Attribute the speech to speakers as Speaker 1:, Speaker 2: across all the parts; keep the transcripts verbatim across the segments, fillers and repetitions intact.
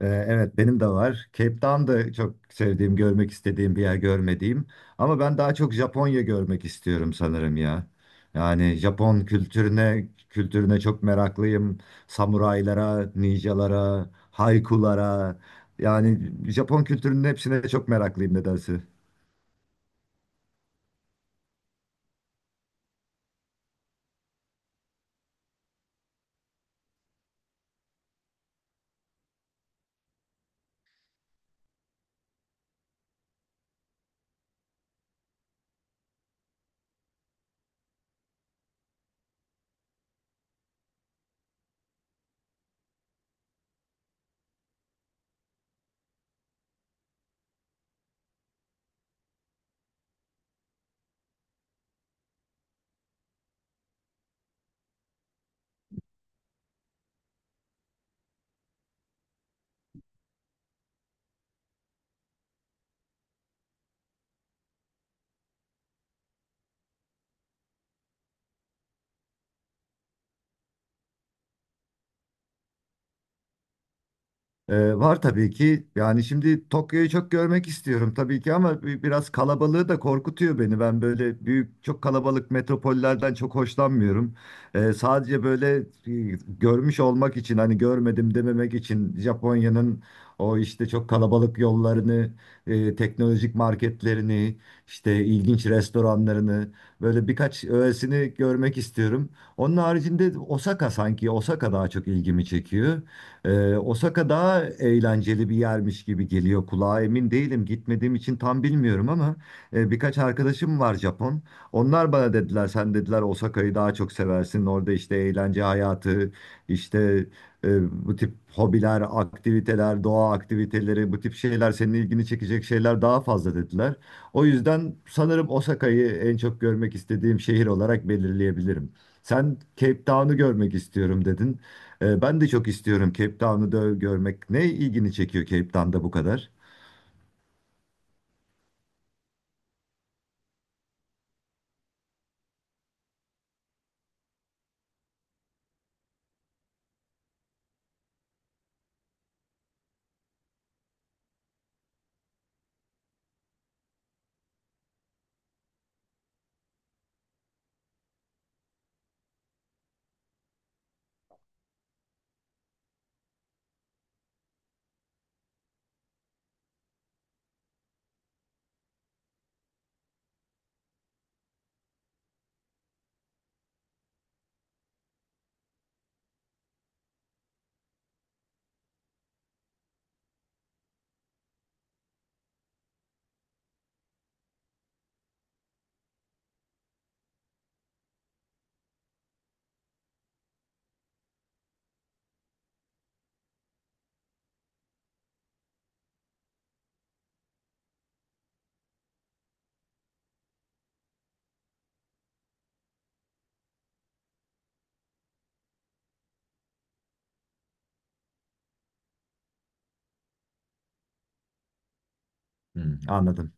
Speaker 1: Ee, Evet benim de var. Cape Town da çok sevdiğim, görmek istediğim bir yer görmediğim. Ama ben daha çok Japonya görmek istiyorum sanırım ya. Yani Japon kültürüne kültürüne çok meraklıyım. Samuraylara, ninjalara, haikulara. Yani Japon kültürünün hepsine çok meraklıyım nedense. Ee, var tabii ki. Yani şimdi Tokyo'yu çok görmek istiyorum tabii ki ama bi- biraz kalabalığı da korkutuyor beni. Ben böyle büyük, çok kalabalık metropollerden çok hoşlanmıyorum. Ee, sadece böyle e, görmüş olmak için hani görmedim dememek için Japonya'nın o işte çok kalabalık yollarını, e, teknolojik marketlerini, işte ilginç restoranlarını böyle birkaç öğesini görmek istiyorum. Onun haricinde Osaka sanki Osaka daha çok ilgimi çekiyor. Ee, Osaka daha eğlenceli bir yermiş gibi geliyor kulağa. Emin değilim. Gitmediğim için tam bilmiyorum ama e, birkaç arkadaşım var Japon. Onlar bana dediler, sen dediler Osaka'yı daha çok seversin. Orada işte eğlence hayatı, işte e, bu tip hobiler, aktiviteler, doğa aktiviteleri, bu tip şeyler senin ilgini çekecek şeyler daha fazla dediler. O yüzden sanırım Osaka'yı en çok görmek istediğim şehir olarak belirleyebilirim. Sen Cape Town'u görmek istiyorum dedin. Ee, ben de çok istiyorum Cape Town'u da görmek. Ne ilgini çekiyor Cape Town'da bu kadar? Hmm, anladım.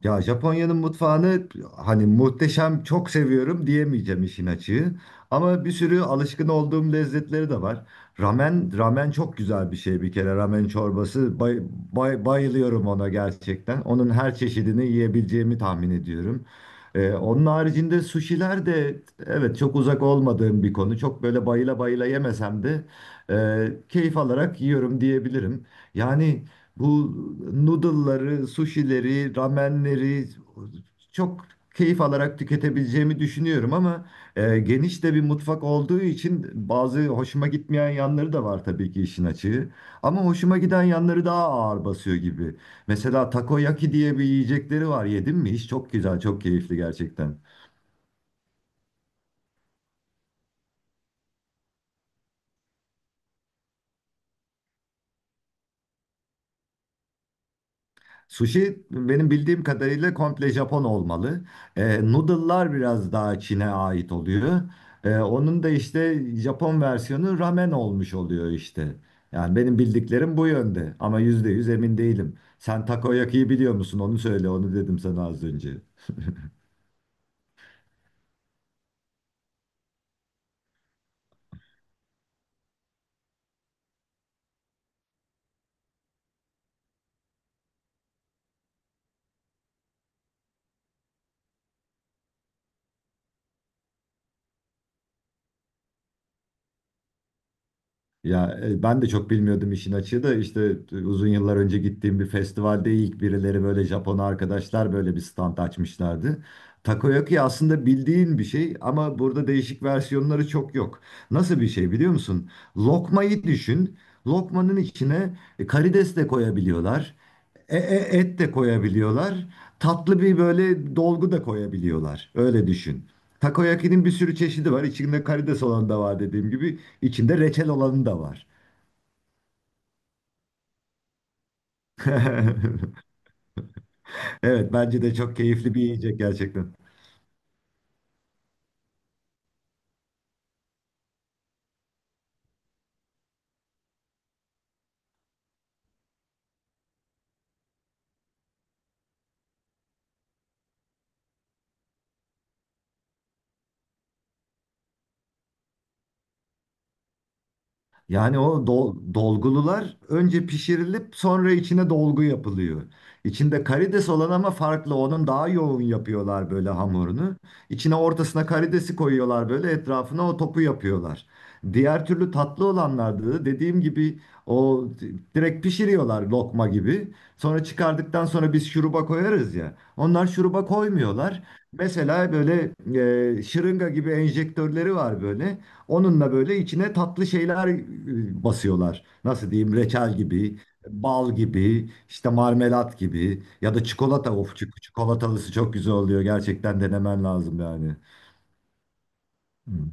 Speaker 1: Ya Japonya'nın mutfağını hani muhteşem çok seviyorum diyemeyeceğim işin açığı. Ama bir sürü alışkın olduğum lezzetleri de var. Ramen, ramen çok güzel bir şey bir kere. Ramen çorbası bay, bay- bayılıyorum ona gerçekten. Onun her çeşidini yiyebileceğimi tahmin ediyorum. Ee, onun haricinde suşiler de evet çok uzak olmadığım bir konu. Çok böyle bayıla bayıla yemesem de e, keyif alarak yiyorum diyebilirim. Yani bu noodle'ları, sushi'leri, ramenleri çok keyif alarak tüketebileceğimi düşünüyorum ama e, geniş de bir mutfak olduğu için bazı hoşuma gitmeyen yanları da var tabii ki işin açığı. Ama hoşuma giden yanları daha ağır basıyor gibi. Mesela takoyaki diye bir yiyecekleri var. Yedim mi? Hiç çok güzel, çok keyifli gerçekten. Sushi benim bildiğim kadarıyla komple Japon olmalı. E, noodle'lar biraz daha Çin'e ait oluyor. E, onun da işte Japon versiyonu ramen olmuş oluyor işte. Yani benim bildiklerim bu yönde ama yüzde yüz emin değilim. Sen takoyaki'yi biliyor musun? Onu söyle, onu dedim sana az önce. Ya e, ben de çok bilmiyordum işin açığı da işte e, uzun yıllar önce gittiğim bir festivalde ilk birileri böyle Japon arkadaşlar böyle bir stand açmışlardı. Takoyaki aslında bildiğin bir şey ama burada değişik versiyonları çok yok. Nasıl bir şey biliyor musun? Lokmayı düşün. Lokmanın içine e, karides de koyabiliyorlar. E, e, et de koyabiliyorlar. Tatlı bir böyle dolgu da koyabiliyorlar. Öyle düşün. Takoyaki'nin bir sürü çeşidi var. İçinde karides olan da var dediğim gibi. İçinde reçel olanı da var. Evet bence de çok keyifli bir yiyecek gerçekten. Yani o dol- dolgulular önce pişirilip sonra içine dolgu yapılıyor. İçinde karides olan ama farklı. Onun daha yoğun yapıyorlar böyle hamurunu. İçine ortasına karidesi koyuyorlar böyle etrafına o topu yapıyorlar. Diğer türlü tatlı olanlarda da dediğim gibi o direkt pişiriyorlar lokma gibi. Sonra çıkardıktan sonra biz şuruba koyarız ya. Onlar şuruba koymuyorlar. Mesela böyle e, şırınga gibi enjektörleri var böyle. Onunla böyle içine tatlı şeyler e, basıyorlar. Nasıl diyeyim? Reçel gibi, bal gibi, işte marmelat gibi ya da çikolata. Of, çik- çikolatalısı çok güzel oluyor. Gerçekten denemen lazım yani. Hmm.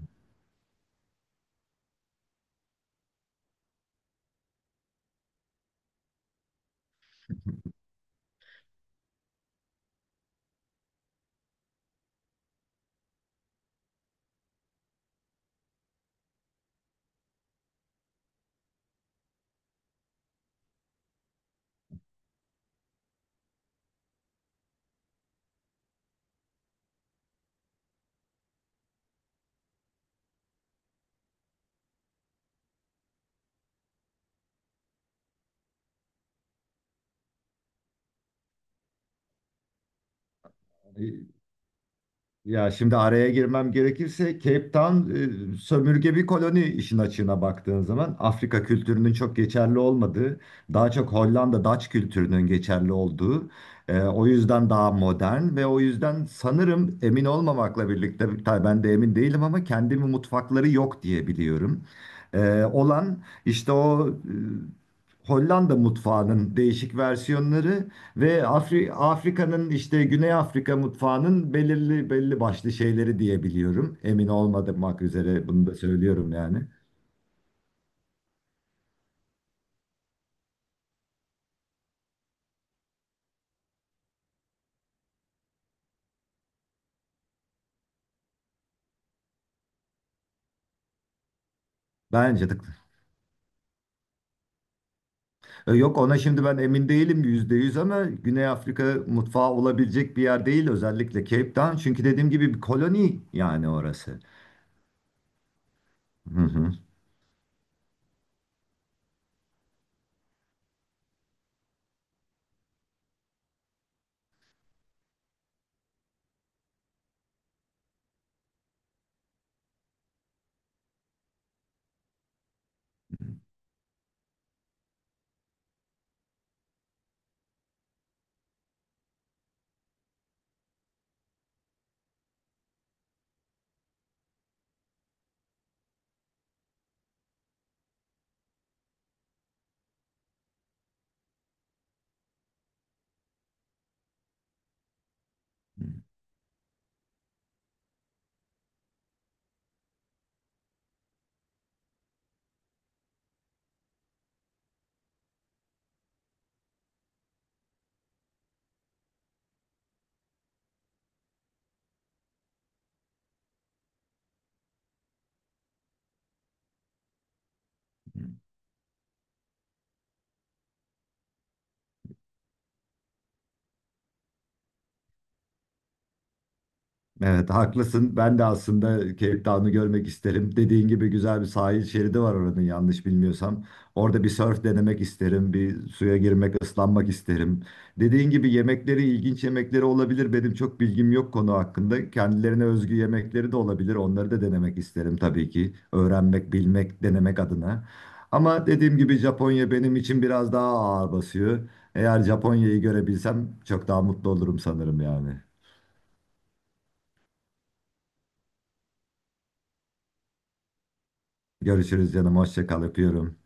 Speaker 1: Ya şimdi araya girmem gerekirse Cape Town e, sömürge bir koloni işin açığına baktığın zaman Afrika kültürünün çok geçerli olmadığı, daha çok Hollanda Dutch kültürünün geçerli olduğu, e, o yüzden daha modern ve o yüzden sanırım emin olmamakla birlikte tabii ben de emin değilim ama kendimi mutfakları yok diye biliyorum. E, olan işte o e, Hollanda mutfağının değişik versiyonları ve Afri- Afrika'nın işte Güney Afrika mutfağının belirli belli başlı şeyleri diyebiliyorum. Emin olmamak üzere bunu da söylüyorum yani. Bence de. E, yok ona şimdi ben emin değilim yüzde yüz ama Güney Afrika mutfağı olabilecek bir yer değil özellikle Cape Town. Çünkü dediğim gibi bir koloni yani orası. Hı hı. Evet haklısın. Ben de aslında Cape Town'u görmek isterim. Dediğin gibi güzel bir sahil şeridi var oranın yanlış bilmiyorsam. Orada bir surf denemek isterim. Bir suya girmek, ıslanmak isterim. Dediğin gibi yemekleri ilginç yemekleri olabilir. Benim çok bilgim yok konu hakkında. Kendilerine özgü yemekleri de olabilir. Onları da denemek isterim tabii ki. Öğrenmek, bilmek, denemek adına. Ama dediğim gibi Japonya benim için biraz daha ağır basıyor. Eğer Japonya'yı görebilsem çok daha mutlu olurum sanırım yani. Görüşürüz canım. Hoşça kal. Öpüyorum.